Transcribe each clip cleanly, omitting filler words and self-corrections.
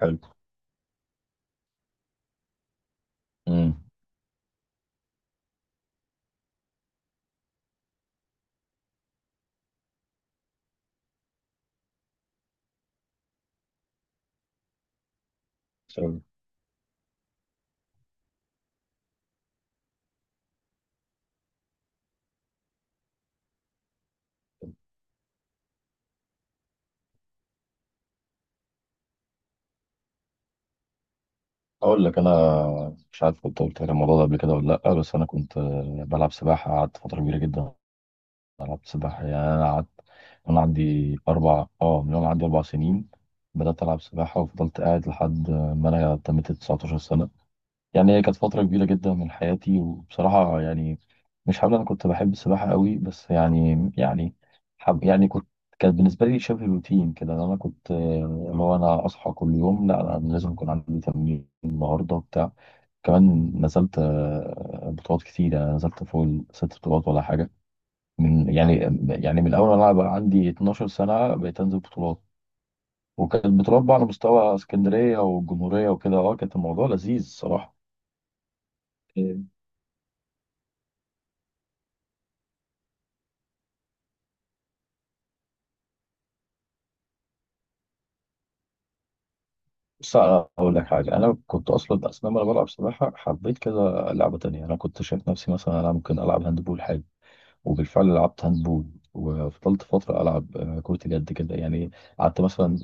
حلو. امم حلو. اقول لك انا، مش عارف كنت قلت لك الموضوع ده قبل كده ولا لا، بس انا كنت بلعب سباحه، قعدت فتره كبيره جدا بلعب سباحه، يعني انا قعدت. انا عندي اربع اه من يوم عندي 4 سنين بدات العب سباحه، وفضلت قاعد لحد ما انا تميت 19 سنه. يعني هي كانت فترة كبيرة جدا من حياتي، وبصراحة يعني مش هقول أنا كنت بحب السباحة قوي، بس يعني حب، يعني كنت، كانت بالنسبة لي شبه روتين كده، إن أنا كنت اللي هو أنا أصحى كل يوم، لا أنا لازم يكون عندي تمرين النهاردة بتاع. كمان نزلت بطولات كتير، يعني نزلت فوق الست بطولات ولا حاجة. من يعني يعني من أول ما أنا بقى عندي 12 سنة بقيت أنزل بطولات. وكانت بطولات بقى على مستوى اسكندرية والجمهورية وكده، كانت الموضوع لذيذ الصراحة. بص أنا أقول لك حاجة، أنا كنت أصلا لما أنا بلعب سباحة حبيت كذا لعبة تانية. أنا كنت شايف نفسي مثلا أنا ممكن ألعب هاندبول حاجة، وبالفعل لعبت هاندبول، وفضلت فترة ألعب كرة اليد كده. يعني قعدت مثلا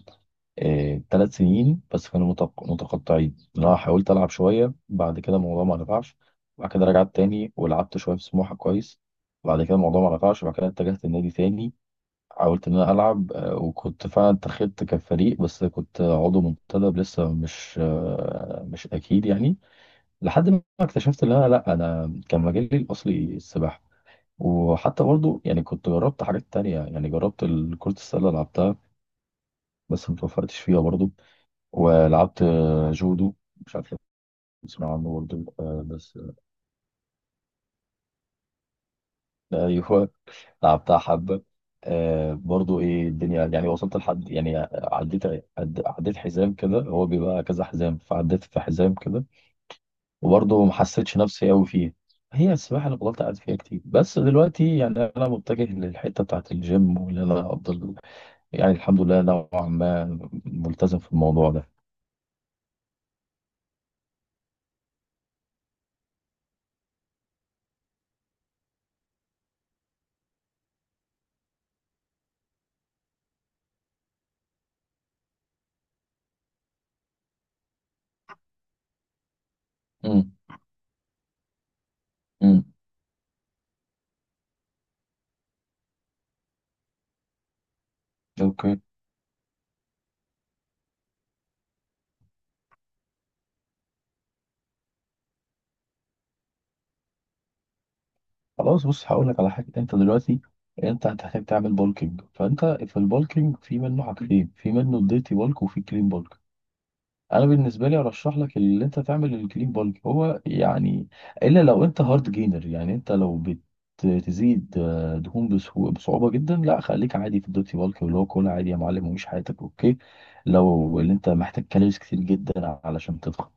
3 سنين، بس كانوا متقطعين، اللي هو حاولت ألعب شوية، بعد كده الموضوع ما نفعش، بعد كده رجعت تاني ولعبت شوية في سموحة كويس، بعد كده الموضوع ما نفعش، بعد كده اتجهت النادي تاني. حاولت ان انا العب وكنت فعلا اتخذت كفريق، بس كنت عضو منتدب لسه، مش اكيد يعني، لحد ما اكتشفت ان انا، لا انا كان مجالي الاصلي السباحه. وحتى برضو يعني كنت جربت حاجات تانية، يعني جربت كرة السلة، لعبتها بس متوفقتش فيها برضو. ولعبت جودو، مش عارف لو تسمع عنه برضو، بس ايوه، لعبتها حبة. برضو ايه الدنيا، يعني وصلت لحد، يعني عديت، عديت حزام كده، هو بيبقى كذا حزام، فعديت في حزام كده، وبرضو ما حسيتش نفسي قوي فيه. هي السباحة اللي فضلت قاعد فيها كتير، بس دلوقتي يعني انا متجه للحتة بتاعت الجيم، وان انا افضل يعني الحمد لله نوعا ما ملتزم في الموضوع ده. امم امم اوكي، خلاص. بص هقول لك على حاجة. انت دلوقتي انت هتحتاج تعمل بولكينج، فانت في البولكينج في منه حاجتين، في منه الديرتي بولك وفي كلين بولك. انا بالنسبه لي ارشح لك اللي انت تعمل الكلين بالك، هو يعني الا لو انت هارد جينر يعني، انت لو بتزيد دهون بصعوبه جدا، لا خليك عادي في الدوتي بالك، اللي هو كل عادي يا معلم ومش حياتك، اوكي. لو اللي انت محتاج كالوريز كتير جدا علشان تضخم،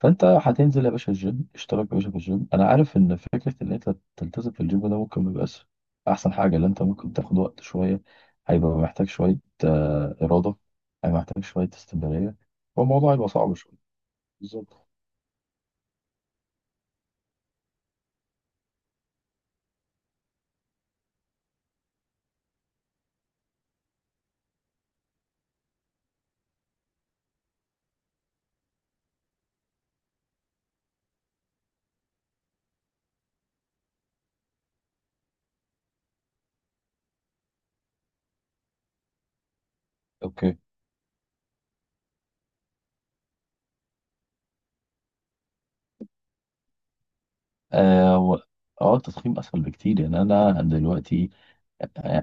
فانت هتنزل يا باشا الجيم، اشترك يا باشا في الجيم. انا عارف ان فكره ان انت تلتزم في الجيم ده ممكن ما يبقاش احسن حاجه، لان انت ممكن تاخد وقت شويه، هيبقى محتاج شويه اراده، هيبقى محتاج شويه استمراريه، والموضوع هيبقى صعب شويه. بالظبط. اوكي. اه و- اه، التضخيم اسهل بكتير. يعني انا دلوقتي،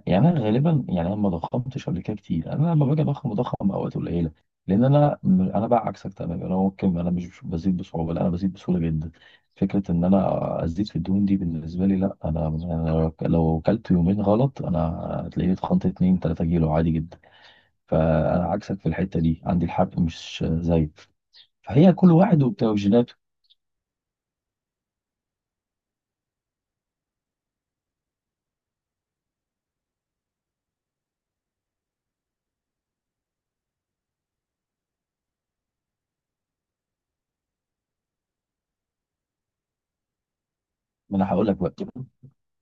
يعني انا غالبا، يعني انا ما ضخمتش قبل كده كتير، يعني انا لما باجي اضخم بضخم اوقات قليله. لان انا بقى عكسك تماما، انا ممكن، انا مش بزيد بصعوبه، لا انا بزيد بسهوله جدا. فكره ان انا ازيد في الدهون دي بالنسبه لي، لا انا لو كلت يومين غلط انا هتلاقيني اتخنت 2 3 كيلو عادي جدا. فانا عكسك في الحته دي، عندي الحرق مش زي. فهي كل واحد وبتاع وجيناته. ما انا هقول لك بقى،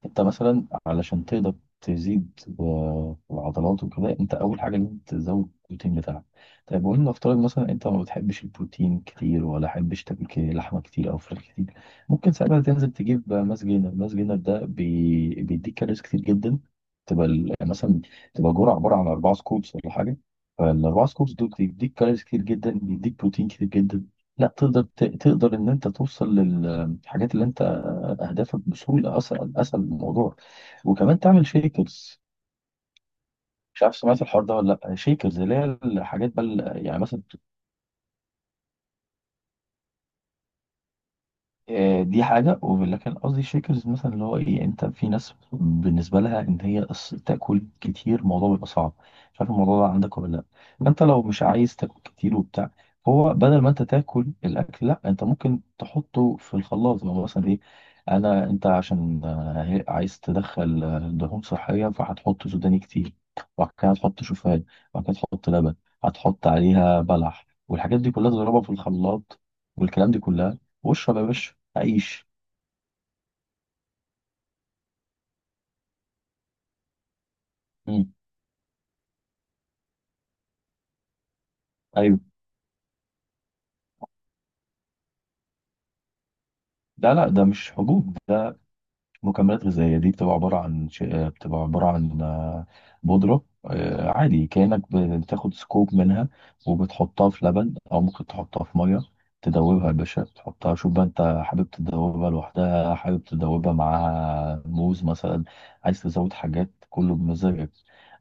انت مثلا علشان تقدر تزيد العضلات وكده، انت اول حاجه لازم تزود البروتين بتاعك. طيب وان نفترض مثلا انت ما بتحبش البروتين كتير، ولا حبش تاكل لحمه كتير او فراخ كتير، ممكن ساعتها تنزل تجيب ماس جينر. ماس جينر ده بيديك كالوريز كتير جدا، مثلا تبقى جرعه عباره عن 4 سكوبس ولا حاجه، فالاربع سكوبس دول بيديك كالوريز كتير جدا، بيديك بروتين كتير جدا. لا تقدر تقدر ان انت توصل للحاجات اللي انت، اهدافك بسهوله، اسهل اسهل الموضوع. وكمان تعمل شيكرز. مش عارف سمعت الحوار ده ولا لا، شيكرز اللي هي الحاجات بقى، يعني مثلا دي حاجة، ولكن قصدي شيكرز مثلا، اللي هو ايه، انت في ناس بالنسبة لها ان هي تاكل كتير، الموضوع بيبقى صعب، مش عارف الموضوع ده عندك ولا لا. فانت لو مش عايز تاكل كتير وبتاع، هو بدل ما انت تاكل الاكل، لا انت ممكن تحطه في الخلاط. لو مثلا ايه، انت عشان عايز تدخل دهون صحية، فهتحط سوداني كتير، وبعد كده هتحط شوفان، وبعد كده تحط لبن، هتحط عليها بلح، والحاجات دي كلها تضربها في الخلاط، والكلام دي كلها، واشرب يا باشا عيش. مم. ايوه. لا، لا، ده مش حبوب، مكملات غذائية، دي بتبقى عبارة عن بتبقى عبارة عن بودرة، عادي كأنك بتاخد سكوب منها وبتحطها في لبن، أو ممكن تحطها في مية، تدوبها يا باشا، تحطها، شوف بقى أنت حابب تدوبها لوحدها، حابب تدوبها معاها موز مثلا، عايز تزود حاجات، كله بمزاجك.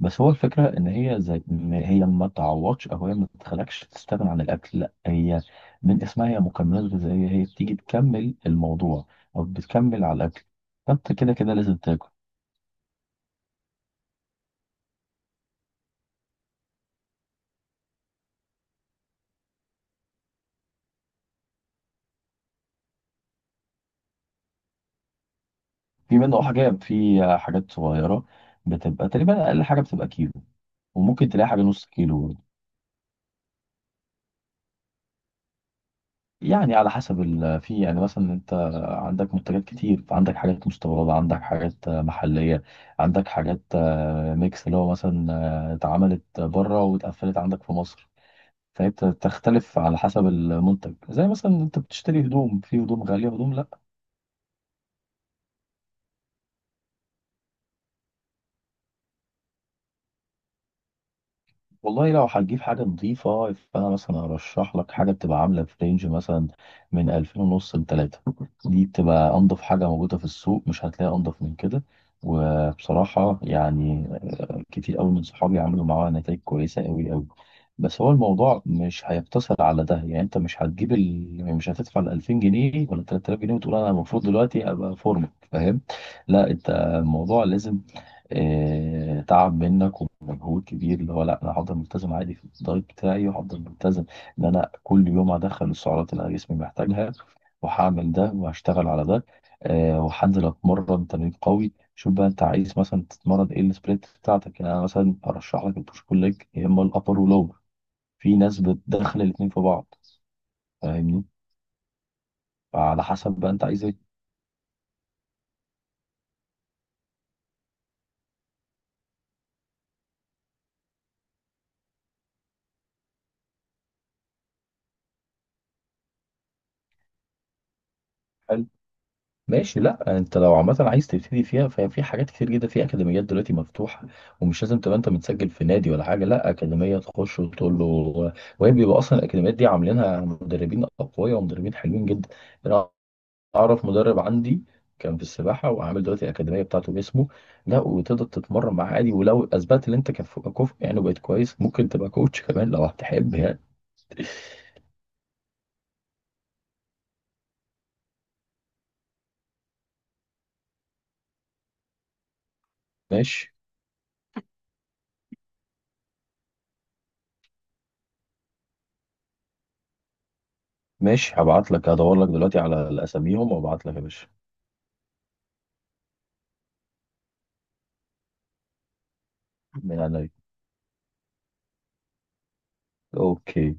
بس هو الفكرة إن هي زي إن هي ما تعوضش، أو هي ما تخلكش تستغنى عن الأكل، لأ، هي من اسمها هي مكملات غذائية، هي بتيجي تكمل الموضوع أو بتكمل على الأكل، فانت كده كده لازم تاكل. في منه حاجه، في حاجات صغيره، بتبقى تقريبا اقل حاجه بتبقى كيلو، وممكن تلاقي حاجه نص كيلو برضه. يعني على حسب في، يعني مثلا انت عندك منتجات كتير، عندك حاجات مستورده، عندك حاجات محليه، عندك حاجات ميكس، اللي هو مثلا اتعملت بره واتقفلت عندك في مصر. فهي بتختلف على حسب المنتج، زي مثلا انت بتشتري هدوم، في هدوم غاليه وهدوم. والله لو هتجيب حاجة نظيفة، فأنا مثلا أرشح لك حاجة بتبقى عاملة في رينج مثلا من 2500 لتلاتة. دي بتبقى أنضف حاجة موجودة في السوق، مش هتلاقي أنضف من كده. وبصراحة يعني كتير قوي من صحابي عملوا معاه نتائج كويسة قوي قوي. بس هو الموضوع مش هيقتصر على ده، يعني انت مش هتجيب مش هتدفع ال 2000 جنيه ولا 3000 جنيه وتقول انا المفروض دلوقتي ابقى فورمه، فاهم؟ لا انت الموضوع لازم تعب منك ومجهود كبير، اللي هو لا انا هفضل ملتزم عادي في الدايت بتاعي، وهفضل ملتزم ان انا كل يوم هدخل السعرات اللي انا جسمي محتاجها، وهعمل ده وهشتغل على ده، وهنزل اتمرن تمرين قوي. شوف بقى انت عايز مثلا تتمرن ايه، السبليت بتاعتك. يعني انا مثلا ارشح لك البوش بول ليج، يا اما الابر ولور، في ناس بتدخل الاتنين في بعض، فاهمني؟ فعلى حسب بقى انت عايز ايه. حلو. ماشي. لا انت لو عامه عايز تبتدي فيها، ففي حاجات كتير جدا، في اكاديميات دلوقتي مفتوحه، ومش لازم تبقى انت متسجل في نادي ولا حاجه، لا اكاديميه تخش وتقول له، وهي بيبقى اصلا الاكاديميات دي عاملينها مدربين اقوياء ومدربين حلوين جدا. اعرف مدرب عندي كان في السباحه، وعامل دلوقتي الاكاديميه بتاعته باسمه، لا، وتقدر تتمرن معاه عادي، ولو اثبتت ان انت كفء يعني وبقيت كويس، ممكن تبقى كوتش كمان لو هتحب يعني. ماشي، ماشي، هبعت لك، هدور لك دلوقتي على الاساميهم وابعت لك يا باشا. من عليا. اوكي.